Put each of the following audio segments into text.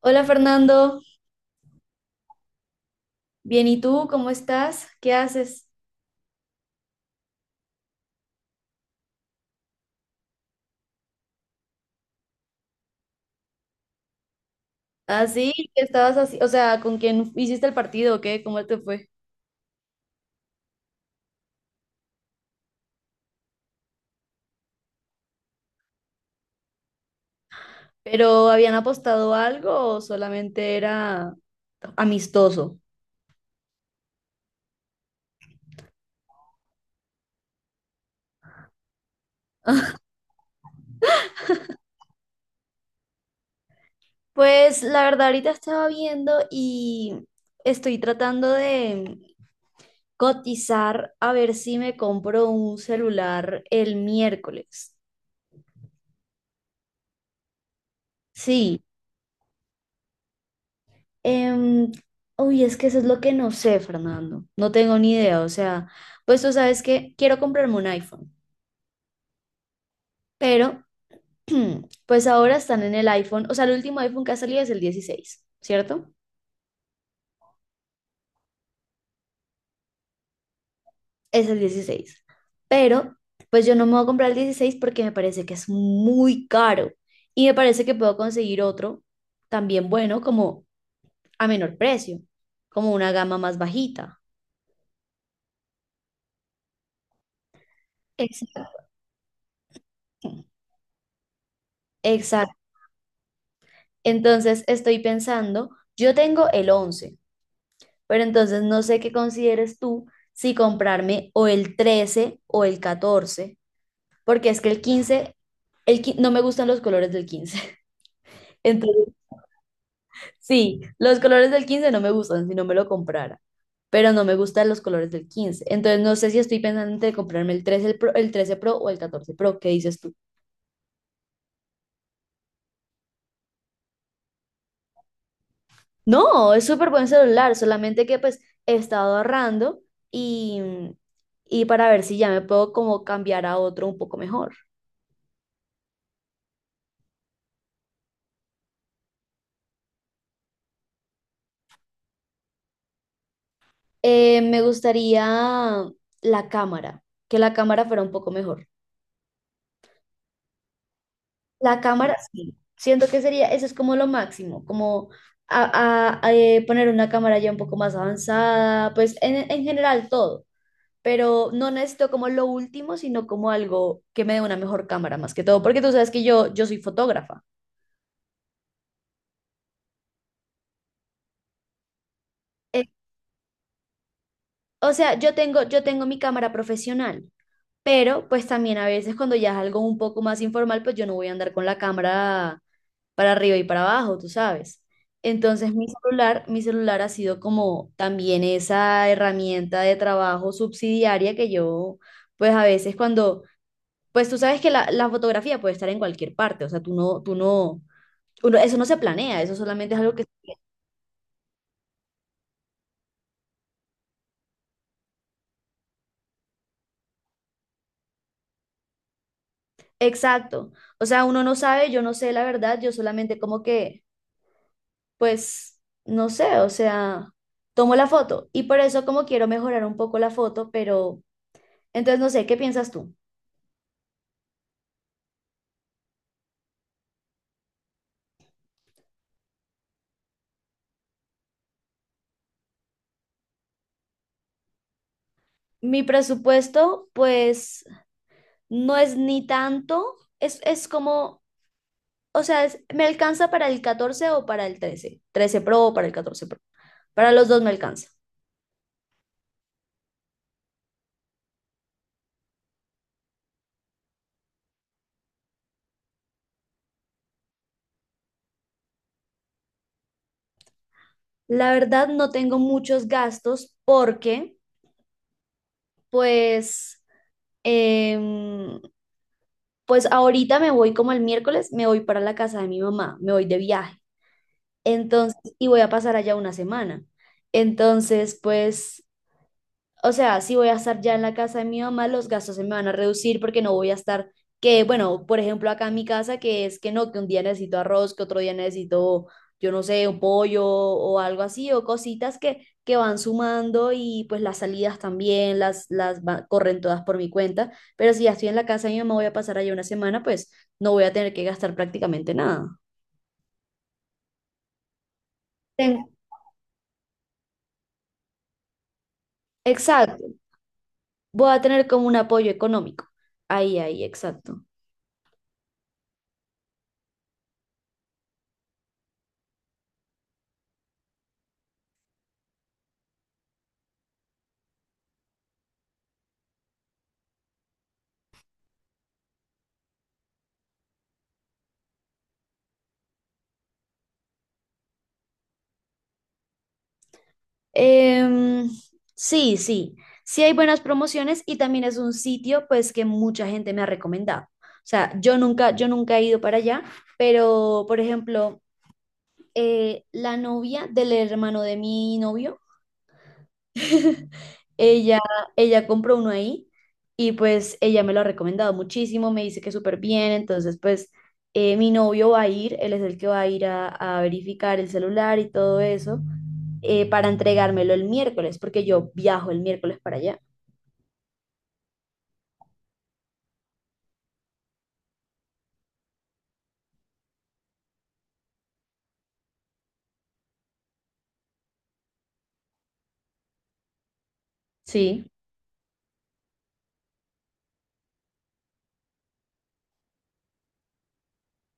Hola Fernando, bien, ¿y tú? ¿Cómo estás? ¿Qué haces? Ah, sí, ¿qué estabas así? O sea, ¿con quién hiciste el partido o qué? ¿Cómo te fue? ¿Pero habían apostado algo o solamente era amistoso? Pues la verdad, ahorita estaba viendo y estoy tratando de cotizar a ver si me compro un celular el miércoles. Sí. Em, Uy, es que eso es lo que no sé, Fernando. No tengo ni idea. O sea, pues tú sabes que quiero comprarme un iPhone, pero pues ahora están en el iPhone. O sea, el último iPhone que ha salido es el 16, ¿cierto? Es el 16. Pero pues yo no me voy a comprar el 16 porque me parece que es muy caro y me parece que puedo conseguir otro también bueno, como a menor precio, como una gama más bajita. Exacto, exacto. Entonces estoy pensando, yo tengo el 11, pero entonces no sé qué consideres tú si comprarme o el 13 o el 14, porque es que el 15, no me gustan los colores del 15. Entonces, sí, los colores del 15 no me gustan, si no me lo comprara, pero no me gustan los colores del 15. Entonces no sé, si estoy pensando entre comprarme el 13 Pro o el 14 Pro, ¿qué dices tú? No, es súper buen celular, solamente que pues he estado ahorrando y, y para ver si ya me puedo como cambiar a otro un poco mejor. Me gustaría la cámara, que la cámara fuera un poco mejor. La cámara, sí, siento que sería, eso es como lo máximo, como poner una cámara ya un poco más avanzada, pues en general todo, pero no necesito como lo último, sino como algo que me dé una mejor cámara más que todo, porque tú sabes que yo soy fotógrafa. O sea, yo tengo mi cámara profesional, pero pues también a veces cuando ya es algo un poco más informal, pues yo no voy a andar con la cámara para arriba y para abajo, tú sabes. Entonces mi celular ha sido como también esa herramienta de trabajo subsidiaria que yo, pues a veces cuando, pues tú sabes que la fotografía puede estar en cualquier parte, o sea, tú no, eso no se planea, eso solamente es algo que... Exacto. O sea, uno no sabe, yo no sé la verdad, yo solamente como que pues no sé, o sea, tomo la foto y por eso como quiero mejorar un poco la foto, pero entonces no sé, ¿qué piensas tú? Mi presupuesto, pues no es ni tanto, es como, o sea, me alcanza para el 14 o para el trece Pro o para el 14 Pro, para los dos me alcanza. La verdad no tengo muchos gastos porque, pues, em, pues ahorita me voy como el miércoles, me voy para la casa de mi mamá, me voy de viaje. Entonces, y voy a pasar allá una semana. Entonces, pues, o sea, si voy a estar ya en la casa de mi mamá, los gastos se me van a reducir porque no voy a estar, que bueno, por ejemplo, acá en mi casa, que es que no, que un día necesito arroz, que otro día necesito, yo no sé, un pollo o algo así, o cositas que van sumando y pues las salidas también, las corren todas por mi cuenta. Pero si ya estoy en la casa de mi mamá, voy a pasar allá una semana, pues no voy a tener que gastar prácticamente nada. Ten- Exacto. Voy a tener como un apoyo económico. Ahí, ahí, exacto. Em, sí, sí, sí hay buenas promociones y también es un sitio pues que mucha gente me ha recomendado. O sea, yo nunca he ido para allá, pero por ejemplo, la novia del hermano de mi novio Ella, ella compró uno ahí y pues ella me lo ha recomendado muchísimo, me dice que súper bien, entonces pues mi novio va a ir, él es el que va a ir a verificar el celular y todo eso para entregármelo el miércoles, porque yo viajo el miércoles para allá. Sí.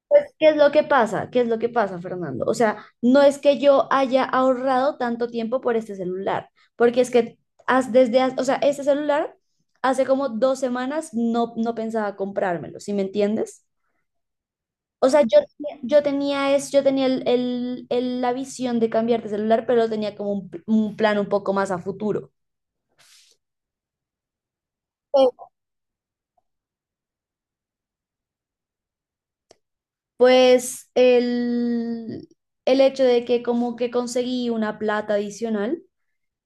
Pues, ¿qué es lo que pasa? ¿Qué es lo que pasa, Fernando? O sea, no es que yo haya ahorrado tanto tiempo por este celular, porque es que o sea, este celular hace como 2 semanas no, no pensaba comprármelo, ¿sí me entiendes? O sea, yo tenía la visión de cambiar de celular, pero tenía como un plan un poco más a futuro. Pero, pues el hecho de que como que conseguí una plata adicional.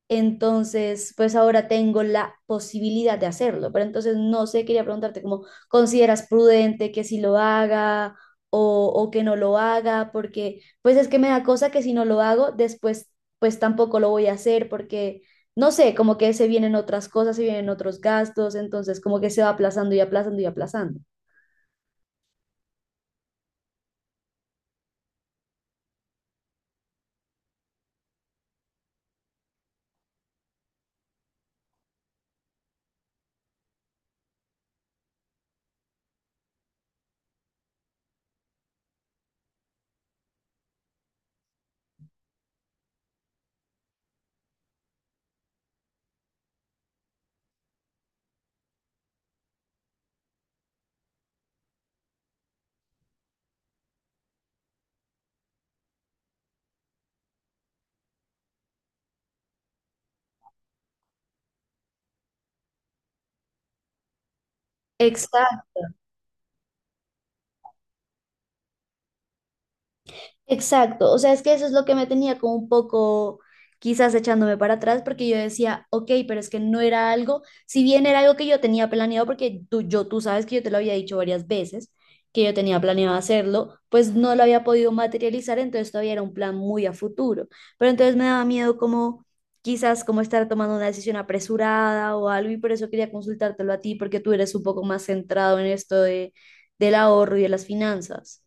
Entonces, pues ahora tengo la posibilidad de hacerlo, pero entonces no sé, quería preguntarte cómo consideras prudente que si lo haga o que no lo haga, porque pues es que me da cosa que si no lo hago, después pues tampoco lo voy a hacer porque, no sé, como que se vienen otras cosas, se vienen otros gastos, entonces como que se va aplazando y aplazando y aplazando. Exacto. Exacto, o sea, es que eso es lo que me tenía como un poco, quizás echándome para atrás porque yo decía, ok, pero es que no era algo, si bien era algo que yo tenía planeado, porque tú sabes que yo te lo había dicho varias veces, que yo tenía planeado hacerlo, pues no lo había podido materializar, entonces todavía era un plan muy a futuro, pero entonces me daba miedo como quizás como estar tomando una decisión apresurada o algo y por eso quería consultártelo a ti porque tú eres un poco más centrado en esto del ahorro y de las finanzas.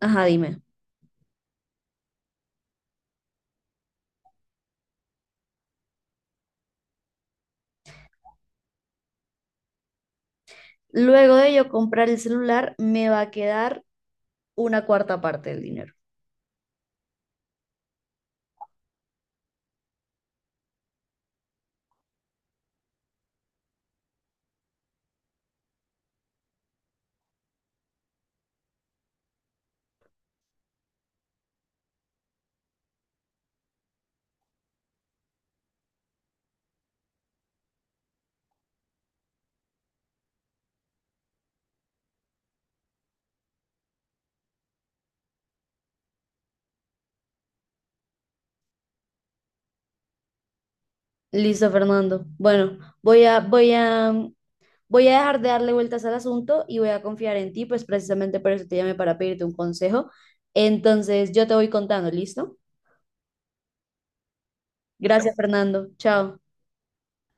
Ajá, dime. Luego de yo comprar el celular, me va a quedar una cuarta parte del dinero. Listo, Fernando. Bueno, voy a, dejar de darle vueltas al asunto y voy a confiar en ti, pues precisamente por eso te llamé para pedirte un consejo. Entonces, yo te voy contando, ¿listo? Gracias, Fernando. Chao.